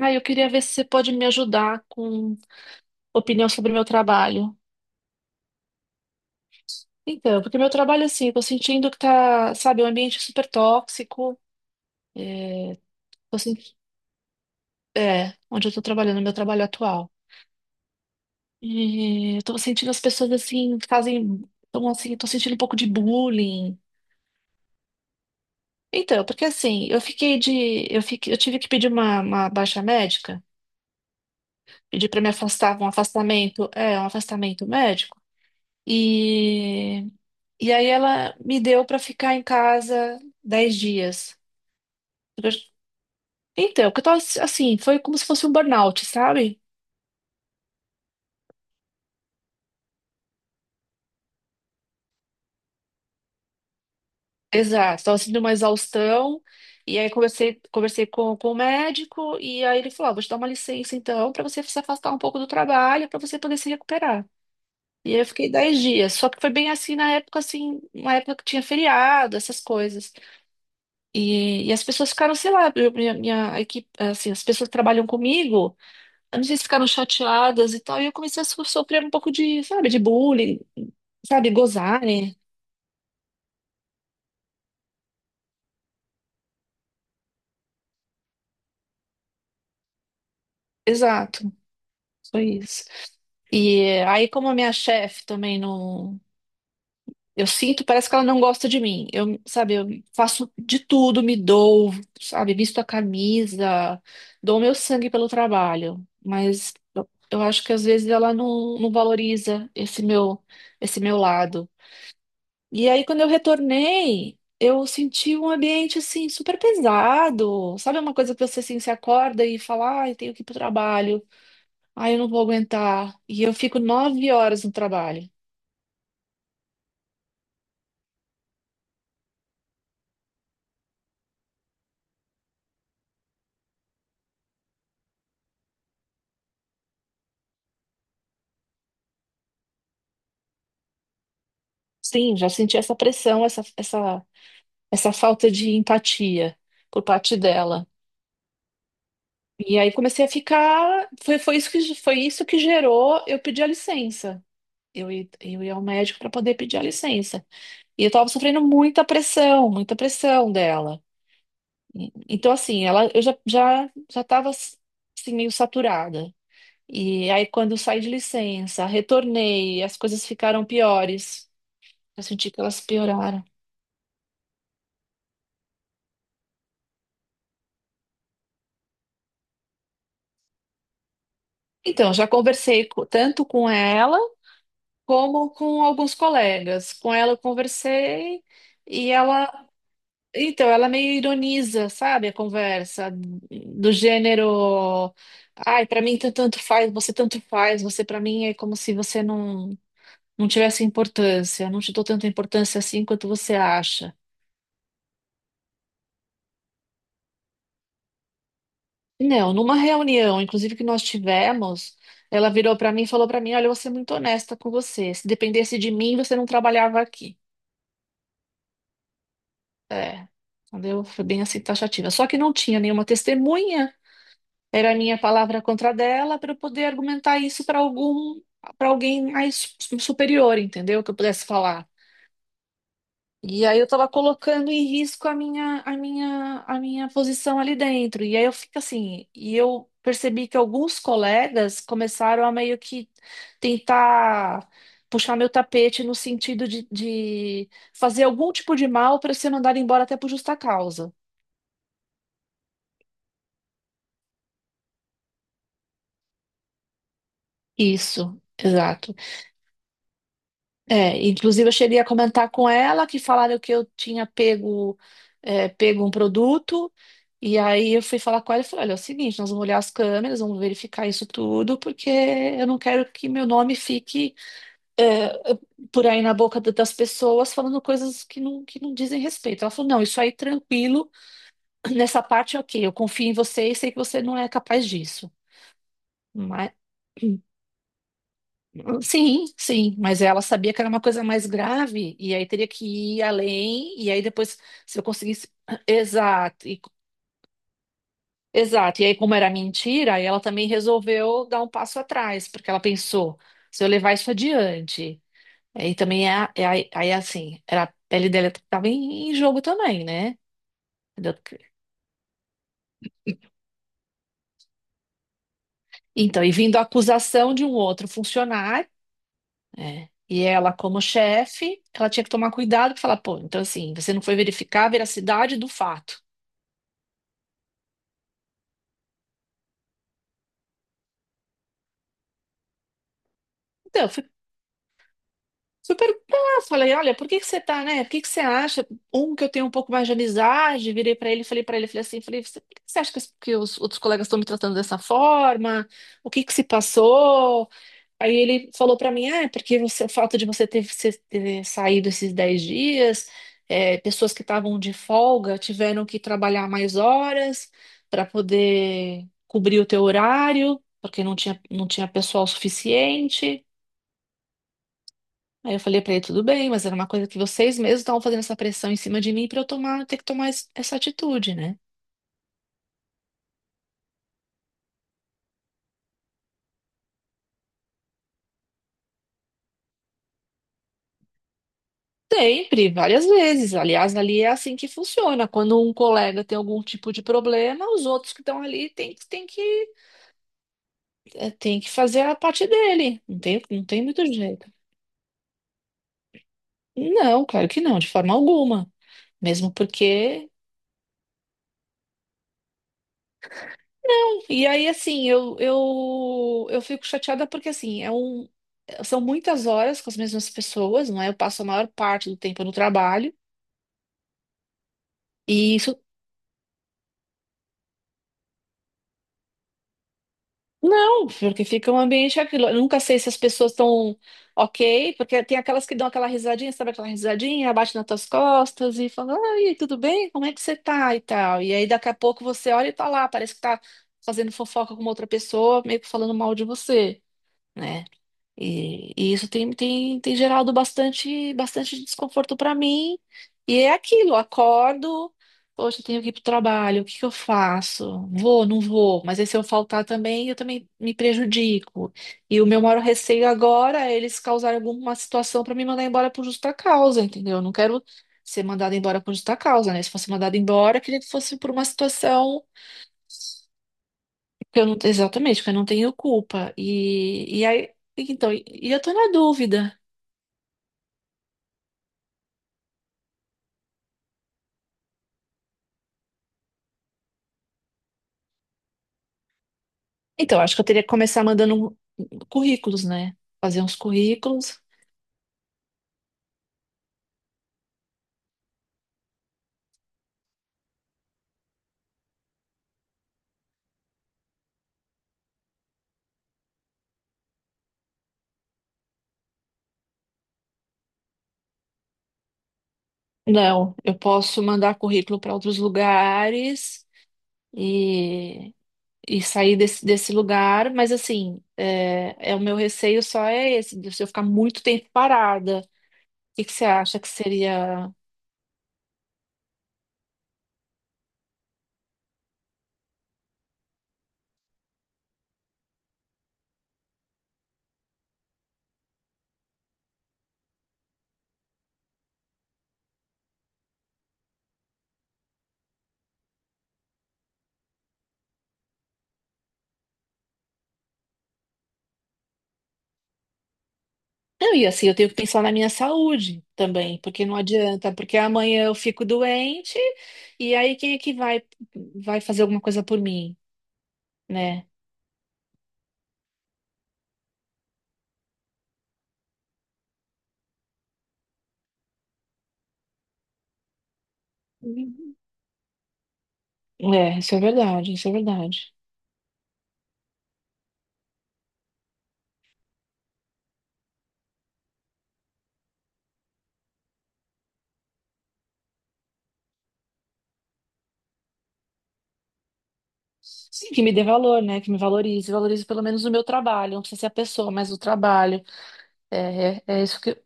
Ah, eu queria ver se você pode me ajudar com opinião sobre o meu trabalho. Então, porque meu trabalho, assim, eu tô sentindo que tá, sabe, um ambiente super tóxico. Tô senti- É, onde eu tô trabalhando, meu trabalho atual. E eu tô sentindo as pessoas, assim, fazem. Então, assim, tô sentindo um pouco de bullying. Então, porque assim, eu fiquei de... Eu fiquei... eu tive que pedir uma baixa médica. Pedir pra me afastar, É, um afastamento médico. e E aí ela me deu pra ficar em casa 10 dias. Porque eu- Então, que eu tava assim, foi como se fosse um burnout, sabe? Exato, tava sentindo uma exaustão. E aí conversei com o médico e aí ele falou, "Ó, vou te dar uma licença então pra você se afastar um pouco do trabalho, pra você poder se recuperar." E aí eu fiquei 10 dias, só que foi bem assim na época, assim, uma época que tinha feriado, essas coisas. E as pessoas ficaram, sei lá, minha equipe, assim, as pessoas que trabalham comigo. Não sei se ficaram chateadas e tal. E eu comecei a sofrer um pouco de, sabe, de bullying, sabe, gozarem. Exato, foi isso. E aí, como a minha chefe também não. Eu sinto, parece que ela não gosta de mim. Eu, sabe, eu faço de tudo, me dou, sabe, visto a camisa, dou meu sangue pelo trabalho. Mas eu acho que às vezes ela não valoriza esse meu, lado. E aí, quando eu retornei, eu senti um ambiente assim super pesado. Sabe, uma coisa que você assim, se acorda e fala, ai, tenho que ir pro trabalho, ai, eu não vou aguentar. E eu fico 9 horas no trabalho. Sim, já senti essa pressão, essa falta de empatia por parte dela. E aí comecei a ficar. Foi isso que gerou eu pedir a licença. Eu ia ao médico para poder pedir a licença. E eu estava sofrendo muita pressão dela. Então, assim, ela, eu já tava, assim, meio saturada. E aí, quando eu saí de licença, retornei, as coisas ficaram piores. Eu senti que elas pioraram. Então, já conversei tanto com ela como com alguns colegas. Com ela eu conversei e ela, então, ela meio ironiza, sabe, a conversa do gênero, ai, pra mim tanto faz, você tanto faz, você pra mim é como se você não tivesse importância, não te dou tanta importância assim quanto você acha. Não, numa reunião, inclusive, que nós tivemos, ela virou para mim e falou para mim: "Olha, eu vou ser muito honesta com você. Se dependesse de mim, você não trabalhava aqui." É, entendeu? Foi bem assim, taxativa. Só que não tinha nenhuma testemunha, era a minha palavra contra a dela, para eu poder argumentar isso para algum, para alguém mais superior, entendeu? Que eu pudesse falar. E aí eu tava colocando em risco a minha posição ali dentro. E aí eu fico assim, e eu percebi que alguns colegas começaram a meio que tentar puxar meu tapete no sentido de fazer algum tipo de mal para ser mandado embora até por justa causa. Isso, exato. É, inclusive eu cheguei a comentar com ela que falaram que eu tinha pego um produto, e aí eu fui falar com ela e falei, olha, é o seguinte, nós vamos olhar as câmeras, vamos verificar isso tudo, porque eu não quero que meu nome fique por aí na boca da- das pessoas falando coisas que não dizem respeito. Ela falou, não, isso aí tranquilo, nessa parte é ok, eu confio em você e sei que você não é capaz disso. Sim, sim, mas ela sabia que era uma coisa mais grave e aí teria que ir além e aí depois, se eu conseguisse, exato, e- exato. E aí como era mentira, aí ela também resolveu dar um passo atrás, porque ela pensou, se eu levar isso adiante, aí também é aí, assim, era, a pele dela estava em, em jogo também, né? Entendeu? Então, e vindo a acusação de um outro funcionário. É. E ela, como chefe, ela tinha que tomar cuidado e falar, pô, então assim, você não foi verificar a veracidade do fato. Então, eu fui, fui perguntar, falei, olha, por que que você tá, né? Por que que você acha? Um que eu tenho um pouco mais de amizade, virei pra ele, falei assim, falei: "Você- por que que você acha que os outros colegas estão me tratando dessa forma? O que que se passou?" Aí ele falou pra mim, ah, é porque você, o fato de você ter saído esses 10 dias, é, pessoas que estavam de folga tiveram que trabalhar mais horas para poder cobrir o teu horário, porque não tinha pessoal suficiente. Aí eu falei pra ele, tudo bem, mas era uma coisa que vocês mesmos estavam fazendo essa pressão em cima de mim para eu ter que tomar essa atitude, né? Sempre, várias vezes. Aliás, ali é assim que funciona. Quando um colega tem algum tipo de problema, os outros que estão ali tem que fazer a parte dele. Não tem, não tem muito jeito. Não, claro que não, de forma alguma. Mesmo porque. E aí, assim, eu fico chateada porque, assim, são muitas horas com as mesmas pessoas, não é? Eu passo a maior parte do tempo no trabalho. E não, porque fica um ambiente, aquilo. Eu nunca sei se as pessoas estão ok, porque tem aquelas que dão aquela risadinha, sabe aquela risadinha, abate nas tuas costas e fala, ai, tudo bem? Como é que você tá? E tal. E aí daqui a pouco você olha e tá lá, parece que tá fazendo fofoca com uma outra pessoa, meio que falando mal de você, né? E isso tem, gerado bastante, bastante desconforto para mim. E é aquilo, acordo, poxa, eu tenho que ir pro trabalho, o que que eu faço? Vou, não vou, mas aí se eu faltar também, eu também me prejudico. E o meu maior receio agora é eles causarem alguma situação para me mandar embora por justa causa, entendeu? Eu não quero ser mandada embora por justa causa, né? Se fosse mandada embora, eu queria que fosse por uma situação que eu não, exatamente, que eu não tenho culpa. E aí, então, e eu tô na dúvida. Então, acho que eu teria que começar mandando currículos, né? Fazer uns currículos. Não, eu posso mandar currículo para outros lugares e, e sair desse lugar, mas assim, é, é o meu receio, só é esse, de se eu ficar muito tempo parada. O que que você acha que seria? Não, e assim, eu tenho que pensar na minha saúde também, porque não adianta, porque amanhã eu fico doente e aí quem é que vai, vai fazer alguma coisa por mim, né? É, isso é verdade, isso é verdade. Sim, que me dê valor, né? Que me valorize, valorize pelo menos o meu trabalho. Não precisa ser a pessoa, mas o trabalho. É, é isso que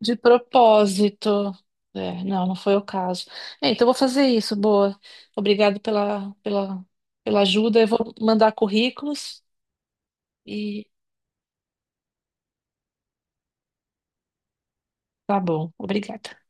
de propósito. É, não, não foi o caso. É, então eu vou fazer isso, boa. Obrigado pela ajuda. Eu vou mandar currículos e tá bom. Obrigada.